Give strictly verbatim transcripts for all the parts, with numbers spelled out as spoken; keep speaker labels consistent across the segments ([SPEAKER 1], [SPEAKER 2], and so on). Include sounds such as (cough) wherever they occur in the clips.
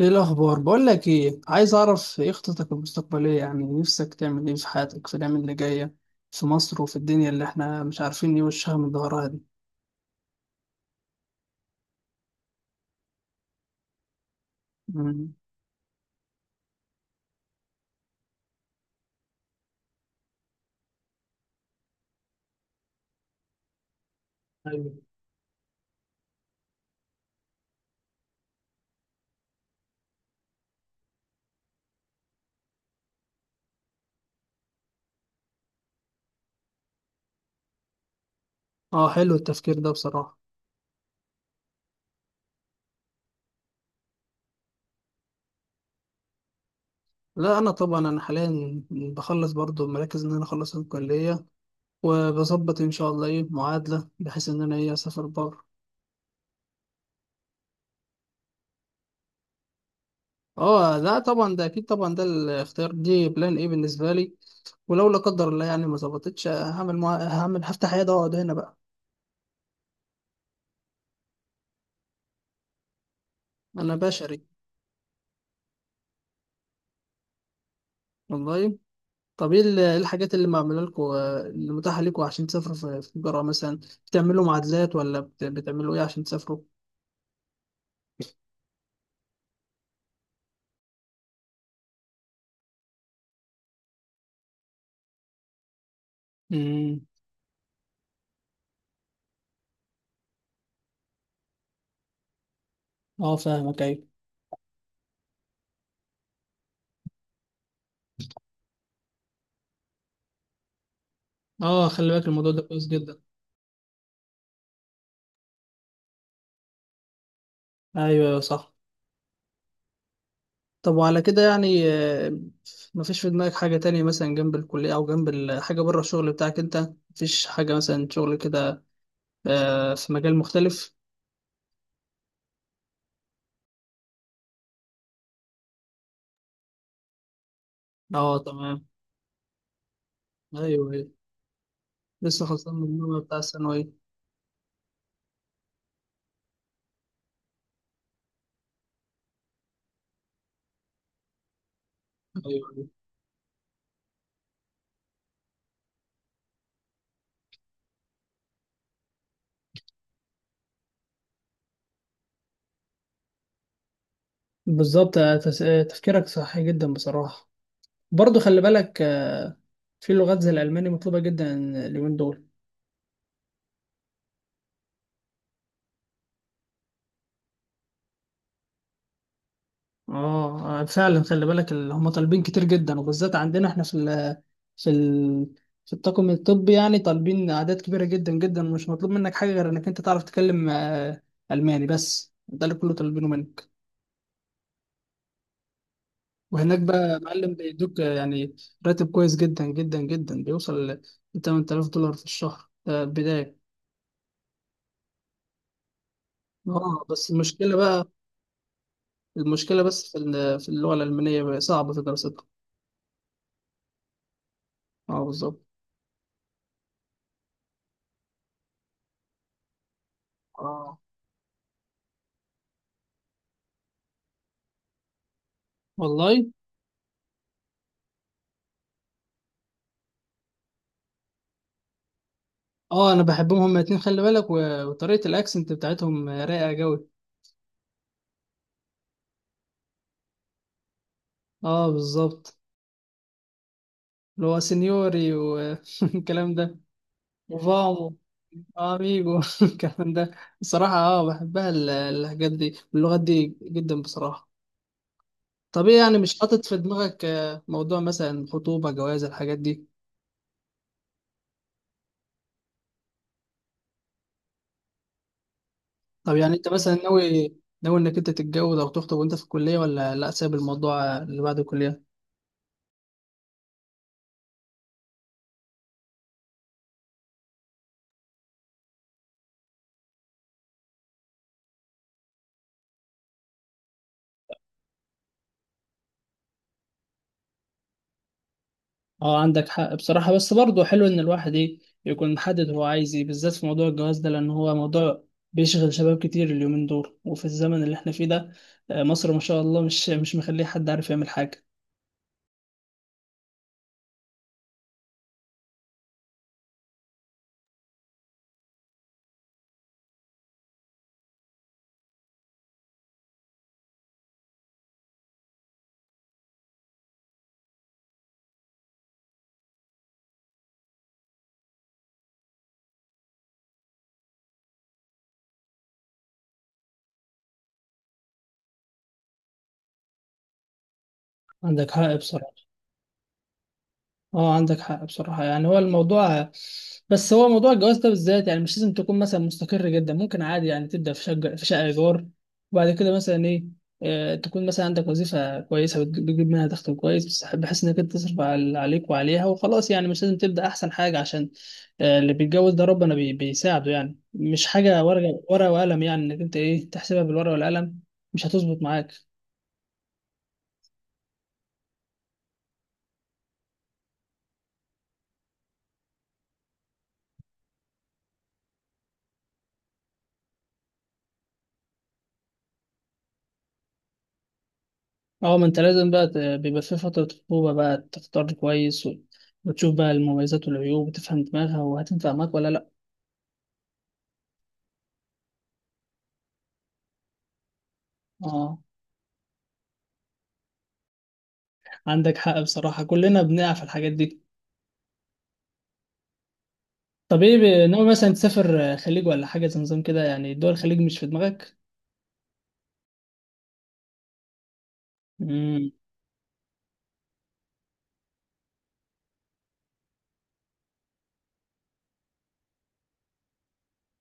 [SPEAKER 1] ايه الاخبار؟ بقول لك ايه، عايز اعرف ايه خططك المستقبليه، يعني نفسك تعمل ايه في حياتك في الايام اللي جايه في مصر وفي الدنيا اللي احنا مش عارفين ايه وشها من ظهرها دي. مم. ايوه. اه، حلو التفكير ده بصراحه. لا انا طبعا انا حاليا بخلص برضو، مركز ان انا اخلص الكليه وبظبط ان شاء الله ايه معادله بحيث ان انا ايه اسافر بره. اه لا طبعا، ده اكيد طبعا، ده الاختيار دي بلان ايه بالنسبه لي. ولو لا قدر الله يعني ما ظبطتش، هعمل مع... هعمل، هفتح عياده واقعد هنا بقى. انا بشري. والله. طب ايه ال- إيه الحاجات اللي معموله لكم، اللي متاحه لكم عشان تسافروا في في الجرة مثلا؟ بتعملوا معادلات ولا بت- بتعملوا ايه عشان تسافروا؟ امم. اه فاهمك، ايوه. اه خلي بالك، الموضوع ده كويس جدا. ايوه أيوة، صح. طب وعلى كده يعني، آه، مفيش في دماغك حاجة تانية مثلا جنب الكلية أو جنب ال- حاجة بره الشغل بتاعك أنت؟ مفيش حاجة مثلا شغل كده، آه، في مجال مختلف؟ أه تمام. أيوه أيوه. لسه خلصان من الجامعة بتاع الثانوية. أيوه بالظبط. آه، تس- آه، تفكيرك صحيح جدا بصراحة. برضو خلي بالك، آه، في لغات زي الألماني مطلوبة جدا اليومين دول. اه، آه، فعلا خلي بالك، اللي هم طالبين كتير جدا، وبالذات عندنا احنا في ال في ال في الطاقم الطبي يعني طالبين أعداد كبيرة جدا جدا. ومش مطلوب منك حاجة غير إنك أنت تعرف تتكلم آه، ألماني، بس ده اللي كله طالبينه منك. وهناك بقى معلم بيدوك آه، يعني راتب كويس جدا جدا جدا، بيوصل ل ثمانية آلاف دولار في الشهر، آه، بداية. اه بس المشكلة بقى، المشكلة بس في ال- في اللغة الألمانية بقى صعبة في دراستها. اه بالظبط. اه. والله. اه انا بحبهم هما الاتنين خلي بالك، و- وطريقة الاكسنت بتاعتهم رايقة جوي. اه بالظبط. اللي هو سينيوري والكلام (laughs) ده. وفامو. اميجو (laughs) الكلام ده. بصراحة اه بحبها ال- الحاجات دي واللغات دي جدا بصراحة. طب ايه يعني، مش حاطط في دماغك آه، موضوع مثلا خطوبة، جواز، الحاجات دي؟ طب يعني انت مثلا ناوي، ناوي انك انت تتجوز او تخطب وانت في الكليه، ولا لا، سايب الموضوع اللي بعد الكليه؟ اه عندك حق بصراحة، بس برضه حلو ان الواحد ايه يكون محدد هو عايز ايه بالذات في موضوع الجواز ده، لان هو موضوع بيشغل شباب كتير اليومين دول وفي الزمن اللي احنا فيه ده. آه، مصر ما شاء الله مش مش مخليه حد عارف يعمل حاجة. عندك حق بصراحة. اه عندك حق بصراحة، يعني هو الموضوع، بس هو موضوع الجواز ده بالذات يعني مش لازم تكون مثلا مستقر جدا، ممكن عادي يعني تبدأ في شقة، في شقة إيجار، وبعد كده مثلا إيه، آه، تكون مثلا عندك وظيفة كويسة بتج- بتجيب منها دخل كويس، بس بحيث إنك أنت تصرف على- عليك وعليها وخلاص. يعني مش لازم تبدأ أحسن حاجة، عشان آه، اللي بيتجوز ده ربنا بي- بيساعده، يعني مش حاجة ورقة ورقة وقلم، يعني إنك أنت إيه تحسبها بالورقة والقلم. مش هتظبط معاك. اه ما انت لازم بقى ت- بيبقى في فترة خطوبة بقى تختار كويس، و- وتشوف بقى المميزات والعيوب، وتفهم دماغها وهتنفع معاك ولا لا. اه عندك حق بصراحة، كلنا بنقع في الحاجات دي. طب ايه ب- ناوي مثلا تسافر آه، خليج ولا حاجة زي نظام كده يعني؟ دول الخليج مش في دماغك؟ امم.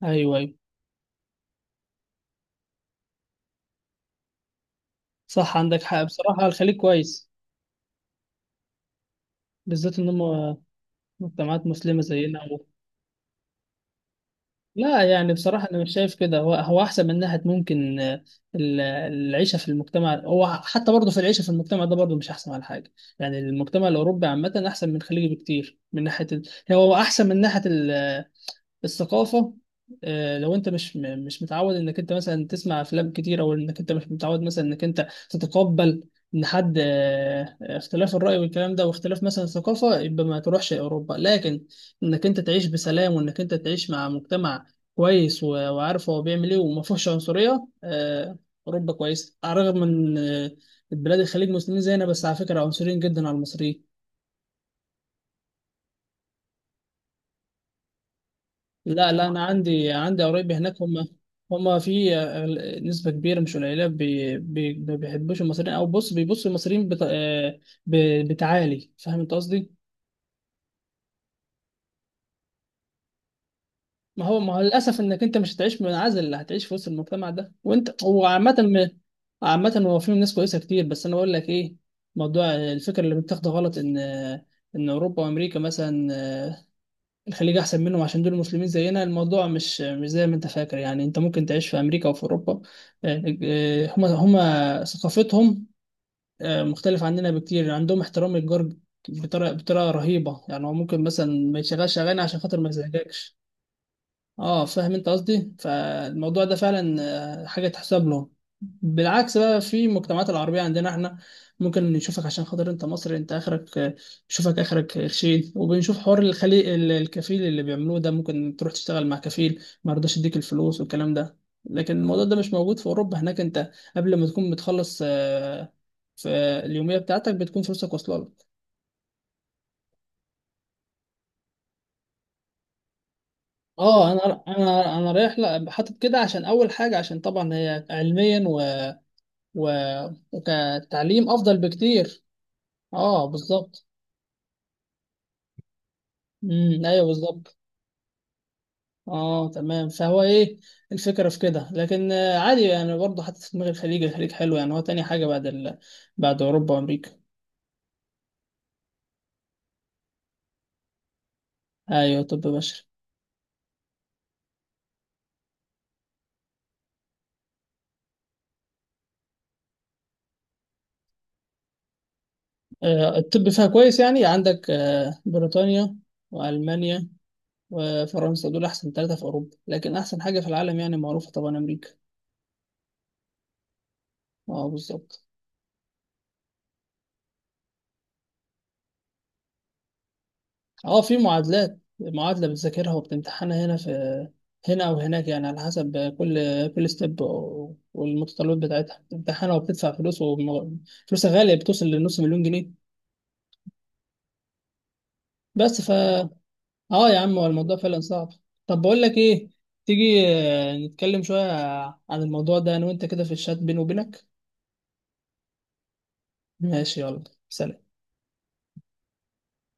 [SPEAKER 1] ايوه ايوه. صح عندك حق بصراحة، الخليج كويس، بالذات ان هم مجتمعات مسلمة زينا. لا يعني بصراحة أنا مش شايف كده، هو هو أحسن من ناحية ممكن، آه، ال- العيشة في المجتمع. هو حتى برضه في العيشة في المجتمع ده برضه مش أحسن على حاجة يعني. المجتمع الأوروبي عامة أحسن من الخليجي بكتير من ناحية ال... هو أحسن من ناحية الثقافة. آه، لو انت مش م- مش متعود انك انت مثلا تسمع افلام كتير، او انك انت مش متعود مثلا انك انت تتقبل ان حد آه، اختلاف الرأي والكلام ده واختلاف مثلا الثقافة، يبقى ما تروحش اوروبا. لكن انك انت تعيش بسلام وانك انت تعيش مع مجتمع كويس، و- وعارف هو بيعمل ايه وما فيهوش عنصرية، آه، اوروبا كويس. على الرغم من آه، البلاد الخليج مسلمين زينا، بس على فكرة عنصريين جدا على المصريين. لا لا انا عندي عندي قرايبي هناك. هم، هم في آه، نسبه كبيره مش قليله، بي- بي- ما بيحبوش المصريين، او بص بيبصوا المصريين بت... آه، ب- بتعالي، فاهم انت قصدي. ما هو ما هو للاسف انك انت مش هتعيش منعزل، هتعيش في وسط المجتمع ده وانت هو عامه م- عامه. هو في ناس كويسه كتير، بس انا بقول لك ايه، موضوع آه، الفكره اللي متاخده غلط ان آه، ان اوروبا وامريكا مثلا، آه، الخليج احسن منهم عشان دول مسلمين زينا، الموضوع مش مش زي ما انت فاكر. يعني انت ممكن تعيش في امريكا او في اوروبا، آه، آه، هما هما ثقافتهم آه، مختلفة عننا بكتير. عندهم احترام الجار بطريقة بطريقة رهيبة، يعني هو ممكن مثلا ما يشغلش اغاني عشان خاطر ما يزعجكش. اه فاهم انت قصدي، فالموضوع ده فعلا آه، حاجه تحسب لهم. بالعكس بقى في المجتمعات العربيه عندنا احنا، ممكن نشوفك عشان خاطر انت مصري، انت اخرك آه، نشوفك اخرك خشين، وبنشوف حوار الخلي ال- الكفيل اللي بيعملوه ده، ممكن تروح تشتغل مع كفيل ما يرضاش يديك الفلوس والكلام ده. لكن الموضوع ده مش موجود في اوروبا، هناك انت قبل ما تكون بتخلص آه، في اليوميه بتاعتك بتكون فلوسك واصله لك. اه انا انا انا رايح، لا حاطط كده، عشان اول حاجه عشان طبعا هي علميا و... وكتعليم افضل بكتير. اه بالظبط. امم ايوه بالظبط. اه تمام، فهو ايه الفكره في كده. لكن آه، عادي يعني برضه حتى في دماغ الخليج، الخليج حلو، يعني هو تاني حاجه بعد ال... بعد اوروبا وامريكا. ايوه طب بشري. آه الطب فيها كويس يعني، عندك آه بريطانيا، والمانيا، وفرنسا، دول احسن ثلاثه في اوروبا. لكن احسن حاجه في العالم يعني معروفه طبعا امريكا. اه بالظبط. اه في معادلات، معادلة بتذاكرها وبتمتحنها هنا في هنا او هناك، يعني على حسب كل كل ستيب والمتطلبات بتاعتها، بتمتحنها وبتدفع فلوس، وم- فلوسها غالية بتوصل لنص مليون جنيه، بس فا... اه يا عم هو الموضوع فعلا صعب. طب بقول لك ايه، تيجي آه، نتكلم شوية عن الموضوع ده انا وانت كده في الشات بيني وبينك. ماشي يلا، سلام.